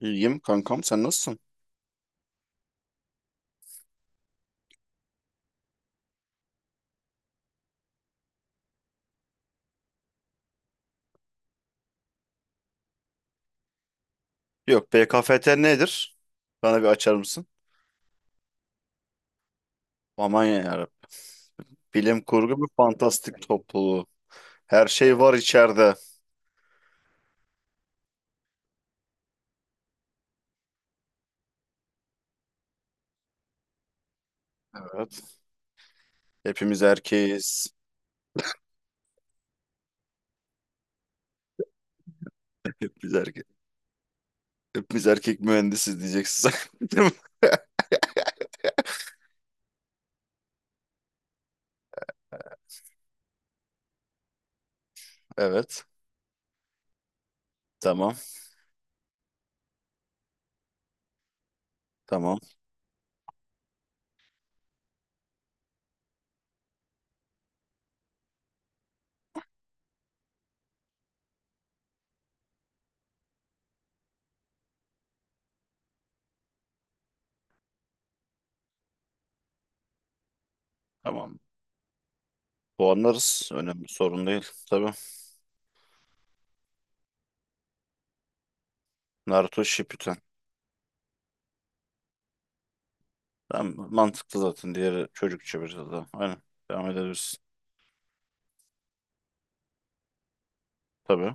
İyiyim kankam, sen nasılsın? Yok, BKFT nedir? Bana bir açar mısın? Aman ya Rabbi. Bilim kurgu bir fantastik topluluğu. Her şey var içeride. Evet. Hepimiz erkeğiz. Hepimiz erkek. Hepimiz erkek mühendisiz diyeceksin sen. Değil mi? Evet. Tamam. Tamam. Tamam. Puanlarız. Önemli sorun değil. Tabii. Naruto Shippuden. Tamam. Mantıklı zaten. Diğeri çocukça biraz daha. Aynen. Devam edebilirsin. Tabii.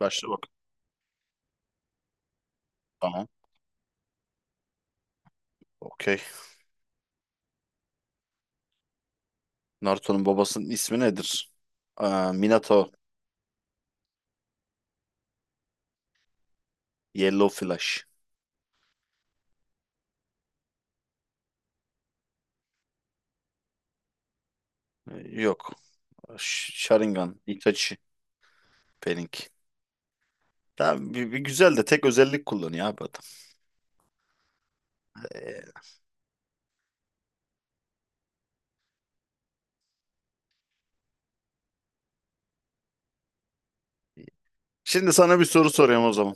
Başla bak. Tamam. Okey. Naruto'nun babasının ismi nedir? Aa, Minato, Yellow Flash. Yok. Sharingan, Itachi, Pink. Tamam, bir güzel de tek özellik kullanıyor abi adam. Ee, Şimdi sana bir soru soruyorum o zaman.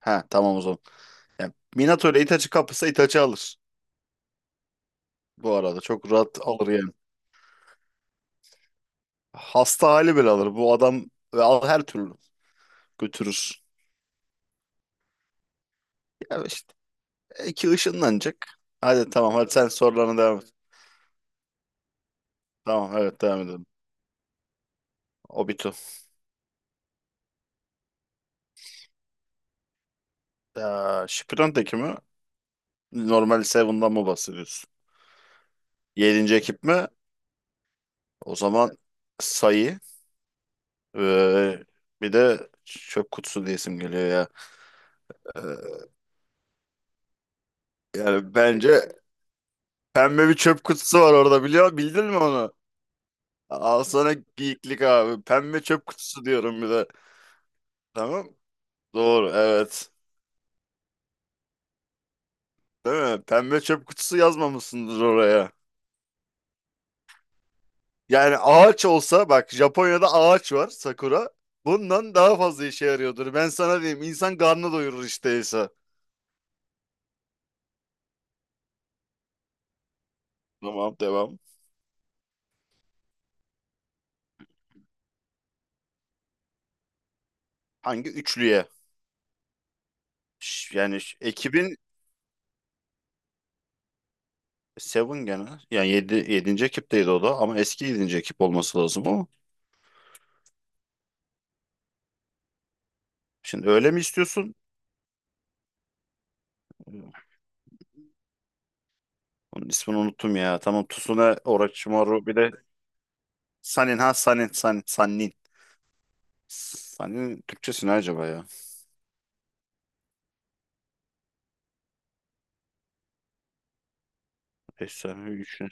Ha, tamam o zaman. Yani Minato ile Itachi kapışsa Itachi alır. Bu arada çok rahat alır yani. Hasta hali bile alır. Bu adam ve al her türlü götürür. Ya işte iki ışınlanacak. Hadi tamam, hadi sen sorularına devam et. Tamam, evet devam edelim. Obito. Shippuden'deki mi? Normal Seven'dan mı bahsediyorsun? Yedinci ekip mi? O zaman sayı, ee, bir de çöp kutusu diye isim geliyor ya. Ee, Yani bence pembe bir çöp kutusu var orada, bildin mi onu? Al sana geyiklik abi. Pembe çöp kutusu diyorum bir de. Tamam. Doğru evet. Değil mi? Pembe çöp kutusu yazmamışsındır oraya. Yani ağaç olsa bak, Japonya'da ağaç var, sakura. Bundan daha fazla işe yarıyordur. Ben sana diyeyim, insan karnı doyurur işte Esa. Tamam, devam. Hangi üçlüye? Yani ekibin Seven gene. Yani yedinci ekipteydi o da ama eski yedinci ekip olması lazım o. Şimdi öyle mi istiyorsun? Ee, Onun ismini unuttum ya. Tamam, Tsunade, Orochimaru bir de Sanin, ha Sanin, Sanin, Sanin. Sanin Türkçesi ne acaba ya? Efsanevi üçlü.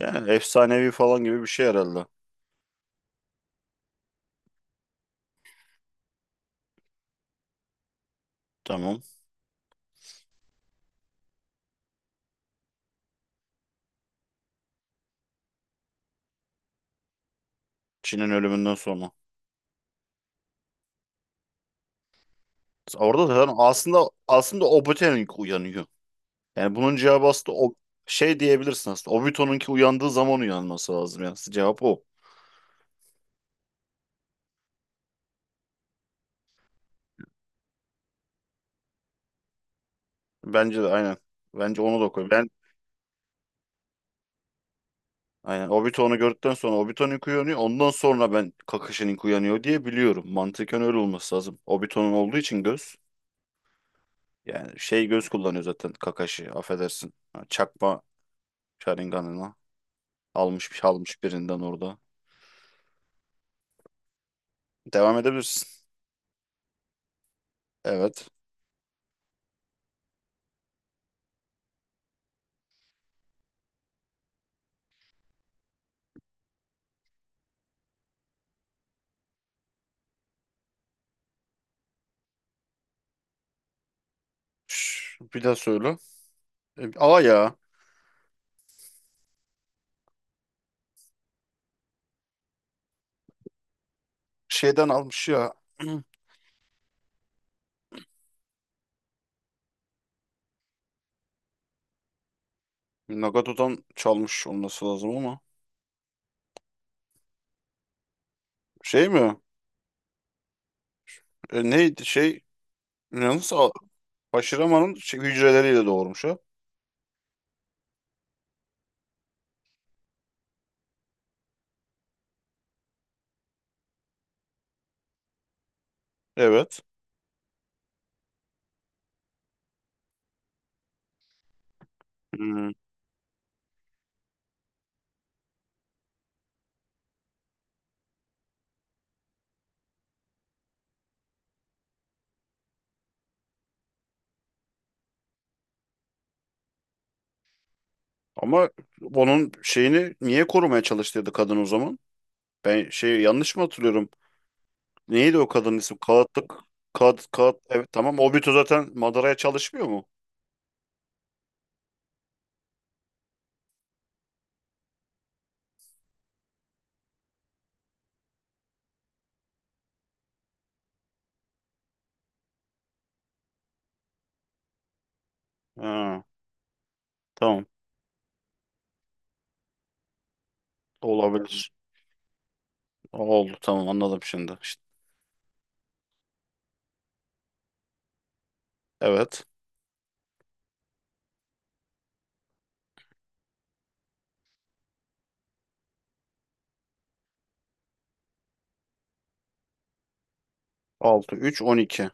Yani efsanevi falan gibi bir şey herhalde. Tamam. Çin'in ölümünden sonra. Orada da zaten aslında Obotenink uyanıyor. Yani bunun cevabı aslında o şey diyebilirsin aslında. Obito'nunki uyandığı zaman uyanması lazım yani. Cevap o. Bence de aynen. Bence onu da koy. Ben aynen, Obito onu gördükten sonra Obito'nunki uyanıyor. Ondan sonra ben Kakashi'ninki uyanıyor diye biliyorum. Mantıken öyle olması lazım. Obito'nun olduğu için göz. Yani şey göz kullanıyor zaten Kakashi. Affedersin. Ha, çakma Sharingan'ına almış birinden orada. Devam edebilirsin. Evet. Bir daha söyle. A ya. Şeyden almış ya. Nagato'dan çalmış olması lazım ama. Şey mi? Neydi şey? Yalnız Aşirama'nın şey, hücreleriyle doğurmuş o. Evet. Hmm. Ama onun şeyini niye korumaya çalıştıydı kadın o zaman? Ben şey yanlış mı hatırlıyorum? Neydi o kadının ismi? Kağıtlık. Kağıt, kağıt. Evet tamam. Obito zaten Madara'ya çalışmıyor mu? Ha, tamam. Olabilir. Oldu, tamam, anladım şimdi. İşte, evet. Altı, üç, on iki.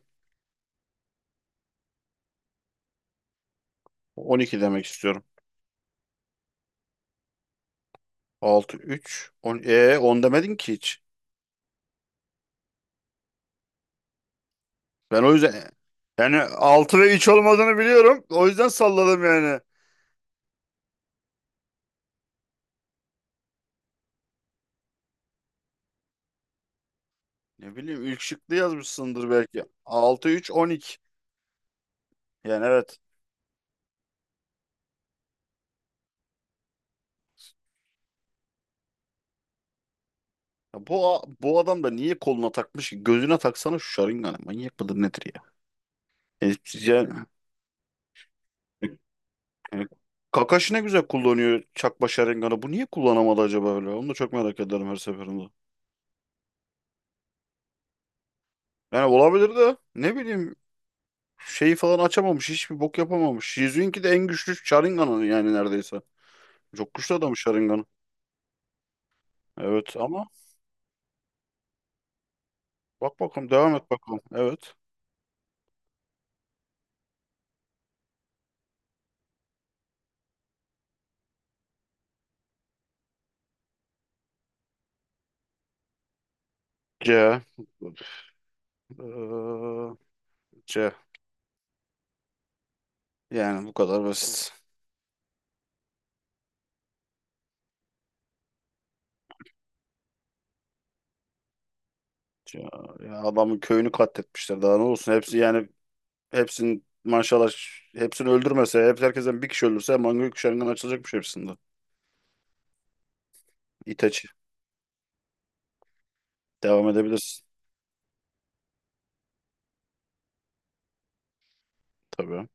On iki demek istiyorum. Altı, üç, on, 10 demedin ki hiç. Ben o yüzden yani 6 ve 3 olmadığını biliyorum. O yüzden salladım yani. Ne bileyim, ilk şıklı yazmışsındır belki. Altı, üç, on iki. Yani evet. Ya bu bu adam da niye koluna takmış ki? Gözüne taksana şu şarınganı. Manyak mıdır nedir ya? E, yani, yani, Kakashi ne güzel kullanıyor çakma şarınganı. Bu niye kullanamadı acaba öyle? Onu da çok merak ederim her seferinde. Yani olabilir de, ne bileyim, şeyi falan açamamış. Hiçbir bok yapamamış. Jizu'nunki de en güçlü Sharingan'ın yani neredeyse. Çok güçlü adam Sharingan'ı. Evet ama bak bakalım, devam et bakalım. Evet. C. Ee, C. Yani bu kadar basit. C. Ya adamın köyünü katletmişler. Daha ne olsun? Hepsi yani hepsinin maşallah, hepsini öldürmese, hep herkesten bir kişi öldürse manga Sharingan açılacakmış hepsinde. Itachi. Devam edebilirsin. Tabii.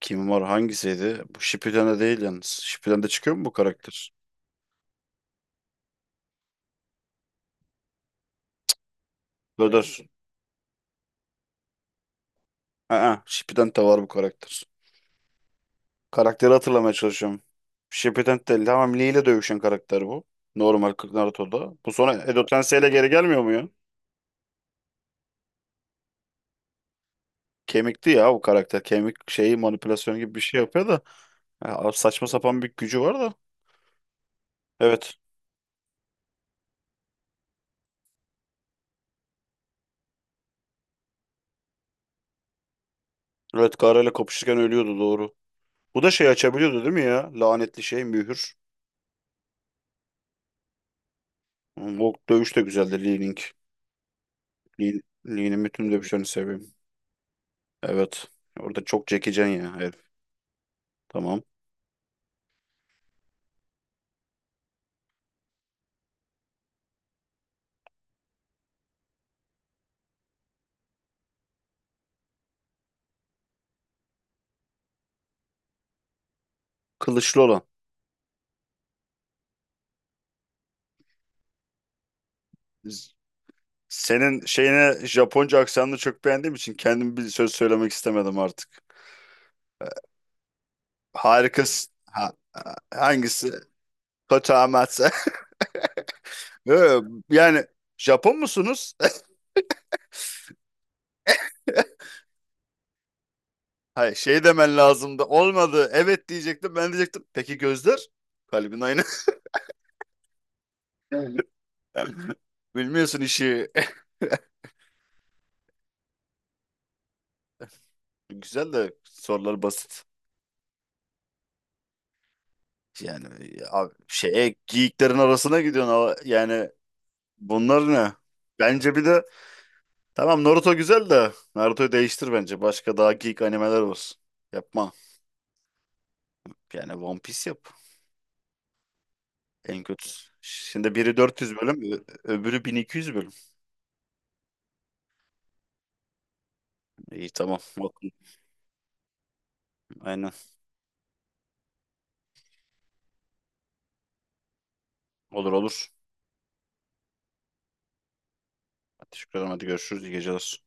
Kim var, hangisiydi? Bu Shippuden'de değil yalnız. Shippuden'de çıkıyor mu bu karakter? Döder. Aa, Shippuden de var bu karakter. Karakteri hatırlamaya çalışıyorum. Shippuden de, tamam, Lee ile dövüşen karakter bu. Normal kırk Naruto'da. Bu sonra Edo Tensei ile geri gelmiyor mu ya? Kemikti ya bu karakter. Kemik şeyi manipülasyon gibi bir şey yapıyor da. Ya, saçma sapan bir gücü var da. Evet. Evet, Gaara ile kapışırken ölüyordu doğru. Bu da şey açabiliyordu değil mi ya? Lanetli şey, mühür. O dövüş de güzeldi, Lee Ling. Lee, Lee'nin bütün dövüşlerini seviyorum. Evet. Orada çok çekecen ya herif. Tamam. Kılıçlı olan. Senin şeyine, Japonca aksanını çok beğendiğim için kendim bir söz söylemek istemedim artık. Harikasın. Ha, hangisi? Koto Amatsu. Ee, Yani Japon musunuz? Hayır, şey demen lazımdı. Olmadı. Evet diyecektim. Ben diyecektim. Peki gözler? Kalbin aynı. Bilmiyorsun işi. Güzel de sorular basit. Yani abi, şeye geyiklerin arasına gidiyorsun ama yani bunlar ne? Bence bir de tamam, Naruto güzel de Naruto'yu değiştir bence. Başka daha geek animeler olsun. Yapma. Yani One Piece yap. En kötüsü. Şimdi biri 400 bölüm, öbürü 1200 bölüm. İyi tamam. Bakın, aynen. Olur olur. Teşekkür ederim. Hadi görüşürüz. İyi geceler.